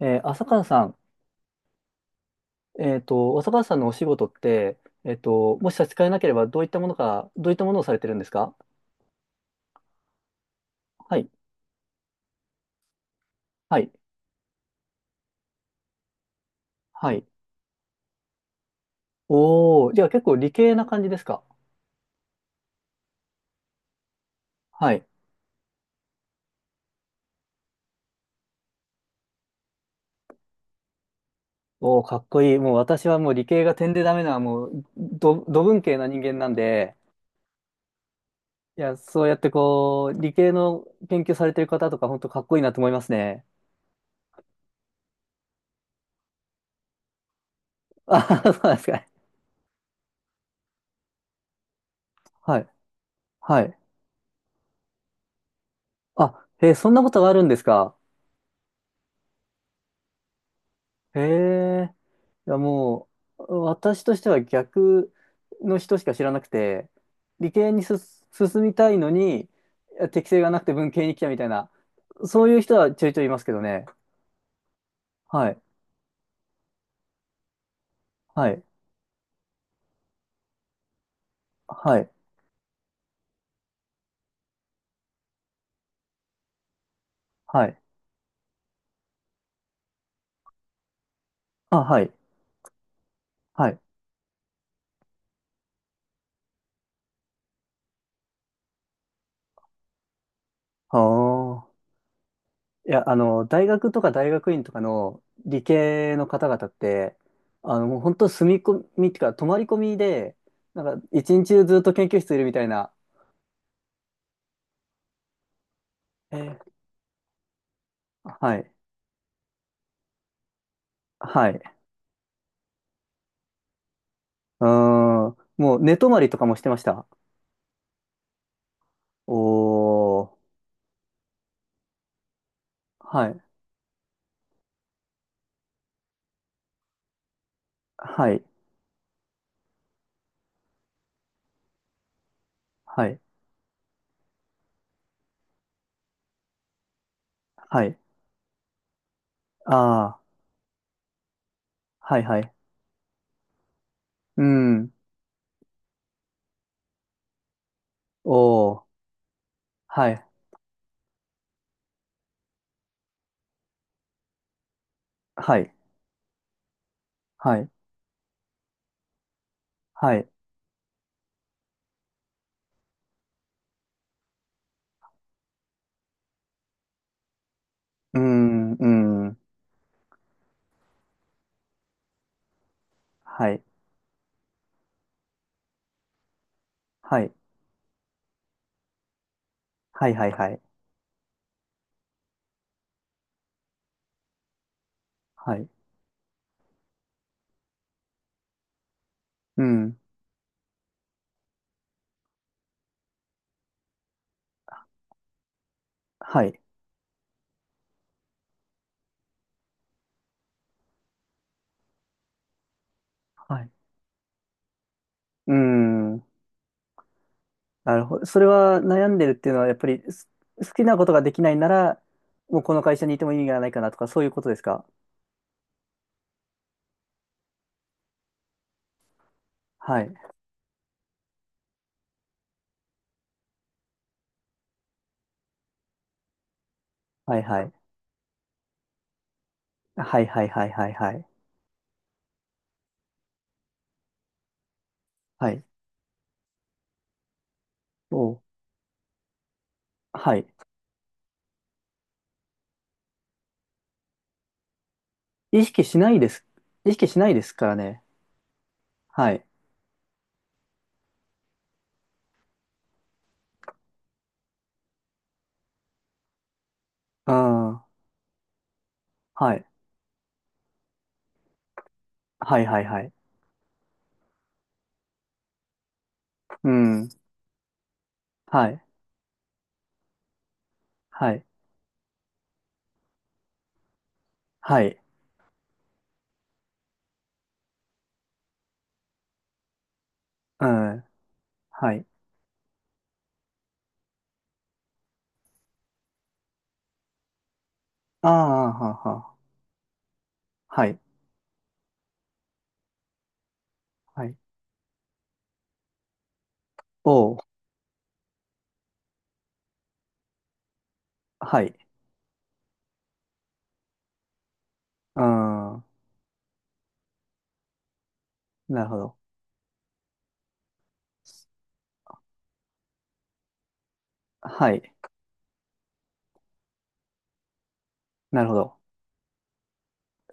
浅川さん、浅川さんのお仕事って、もし差し支えなければ、どういったものか、どういったものをされてるんですか？はい、はい、はい。おー、じゃあ結構理系な感じですか？はい。おー、かっこいい。もう私はもう理系が点でダメな、もう、ど文系な人間なんで、いや、そうやってこう、理系の研究されてる方とか、本当かっこいいなと思いますね。あはは、そうなんですか。はい、はい。あ、そんなことがあるんですか？へえ。いや、もう、私としては逆の人しか知らなくて、理系に進みたいのに、いや適性がなくて文系に来たみたいな、そういう人はちょいちょいいますけどね。はい、はい、はい、はい。あ、はい、はい。ああ。いや、大学とか大学院とかの理系の方々って、もう本当住み込みっていうか、泊まり込みで、なんか、一日中ずっと研究室いるみたいな。えー、はい。はい。うーん。もう寝泊まりとかもしてました。おー。はい。はい。はい。はい。ああ。はいはい。うん。おー。はい。はい。はい。はい。うーん。うん。はい。はい。はいはいはい。はい。うん。はい。はい。うん。なるほど。それは悩んでるっていうのは、やっぱり好きなことができないなら、もうこの会社にいても意味がないかなとか、そういうことですか？はい。はいはい。はいはいはいはいはい。はい、そう。はい。意識しないです。意識しないですからね。はい。うん。はい。はいはいはい。うん。はい。はい。はい。うん。はい。ああ、はあ、はあ。はい。はい。おう。はい。うん。なるほど。はい。なるほど。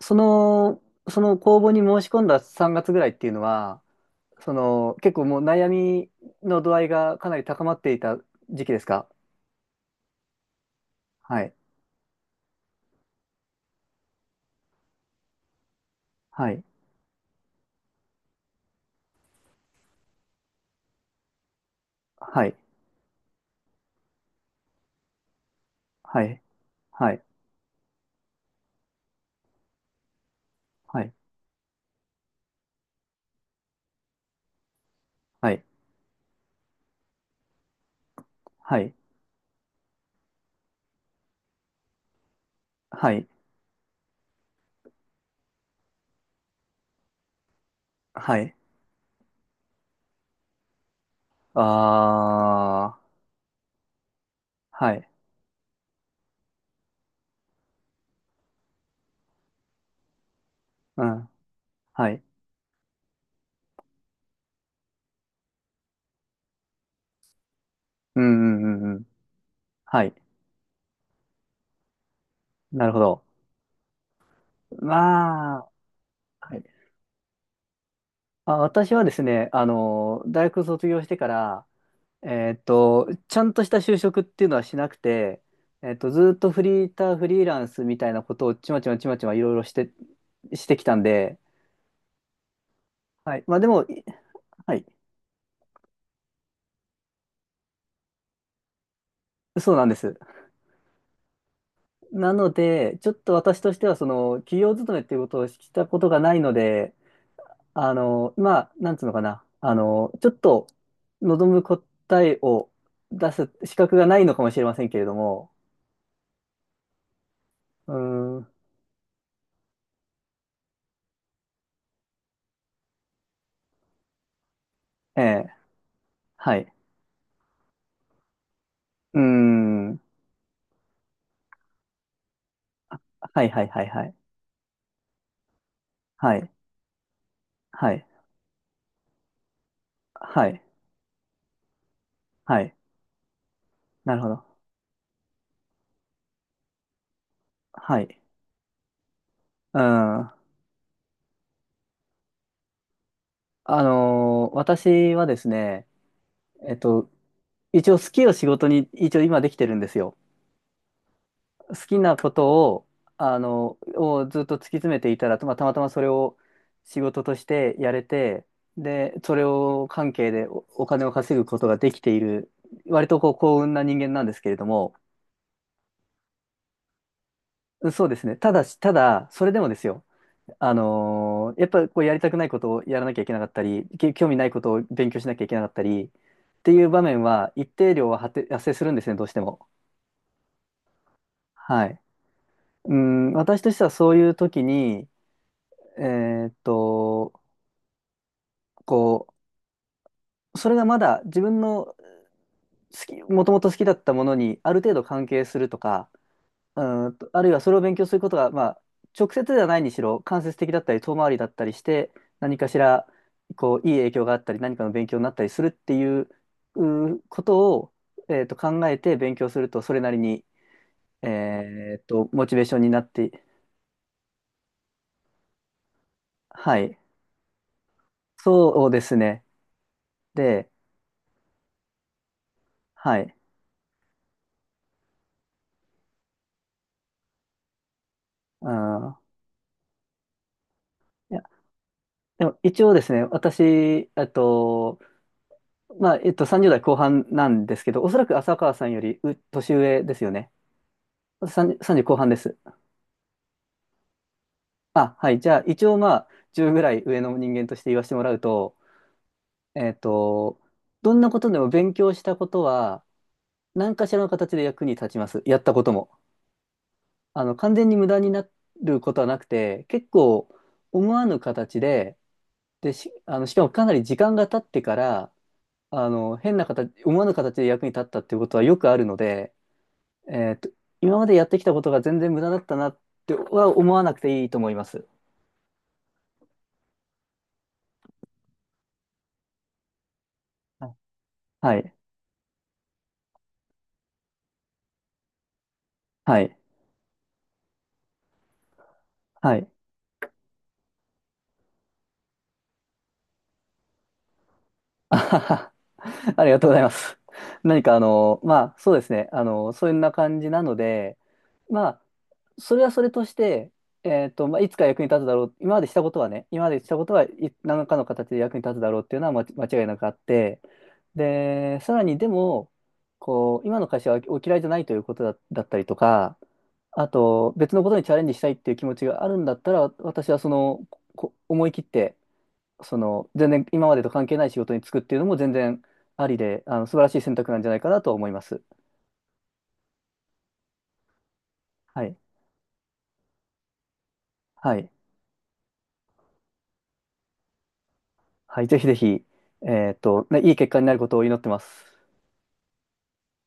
その、その公募に申し込んだ3月ぐらいっていうのは、その、結構もう悩みの度合いがかなり高まっていた時期ですか？はい。はい。はい。はい。はい。はい。はい、はい、はい、はい、あー、はい、うん、はい、うん、うん、うん、うん、はい、なるほど。まあ、はい。あ、私はですね、大学卒業してから、ちゃんとした就職っていうのはしなくて、ずーっとフリーター、フリーランスみたいなことをちまちまちまちまいろいろして、してきたんで、はい。まあでも、い、はい、そうなんです。なので、ちょっと私としては、その、企業勤めっていうことをしたことがないので、まあ、なんつうのかな、ちょっと望む答えを出す資格がないのかもしれませんけれども、うーん、ええ、はい、うーん、はいはいはいはい、はい、はい、はい、はい、なるほど、はい、うん、私はですね、えっと、一応好きを仕事に、一応今できてるんですよ。好きなことを、あの、をずっと突き詰めていたら、まあ、たまたまそれを仕事としてやれて、で、それを関係でお金を稼ぐことができている、割とこう幸運な人間なんですけれども、そうですね。ただし、ただ、それでもですよ。やっぱりこうやりたくないことをやらなきゃいけなかったり、興味ないことを勉強しなきゃいけなかったり、っていう場面は一定量は発生するんですね、どうしても。はい。うん、私としてはそういう時に、えーっと、こう、それがまだ自分の好き、もともと好きだったものにある程度関係するとか、うーんと、あるいはそれを勉強することが、まあ、直接ではないにしろ、間接的だったり、遠回りだったりして、何かしら、こう、いい影響があったり、何かの勉強になったりするっていう、うーことを、考えて勉強すると、それなりに、モチベーションになって、はい。そうですね。で、はい。うん、いや、でも一応ですね、私、えっと、30代後半なんですけど、おそらく浅川さんより年上ですよね。30、3後半です。あ、はい。じゃあ、一応まあ、10ぐらい上の人間として言わせてもらうと、えっと、どんなことでも勉強したことは、何かしらの形で役に立ちます。やったことも。あの、完全に無駄になることはなくて、結構思わぬ形で、で、し、あの、しかもかなり時間が経ってから、あの、変な形、思わぬ形で役に立ったっていうことはよくあるので、えっと、今までやってきたことが全然無駄だったなっては思わなくていいと思います。はいはい。はい。はい。あはは、ありがとうございます。何かあの、まあそうですね。あの、そんな感じなので、まあ、それはそれとして、まあ、いつか役に立つだろう。今までしたことはね、今までしたことは何らかの形で役に立つだろうっていうのは間違いなくあって、で、さらにでも、こう、今の会社はお嫌いじゃないということだったりとか、あと、別のことにチャレンジしたいっていう気持ちがあるんだったら、私はその、思い切って、その、全然今までと関係ない仕事に就くっていうのも全然ありで、あの、素晴らしい選択なんじゃないかなと思います。はい。はい。はい。ぜひぜひ、ね、いい結果になることを祈ってます。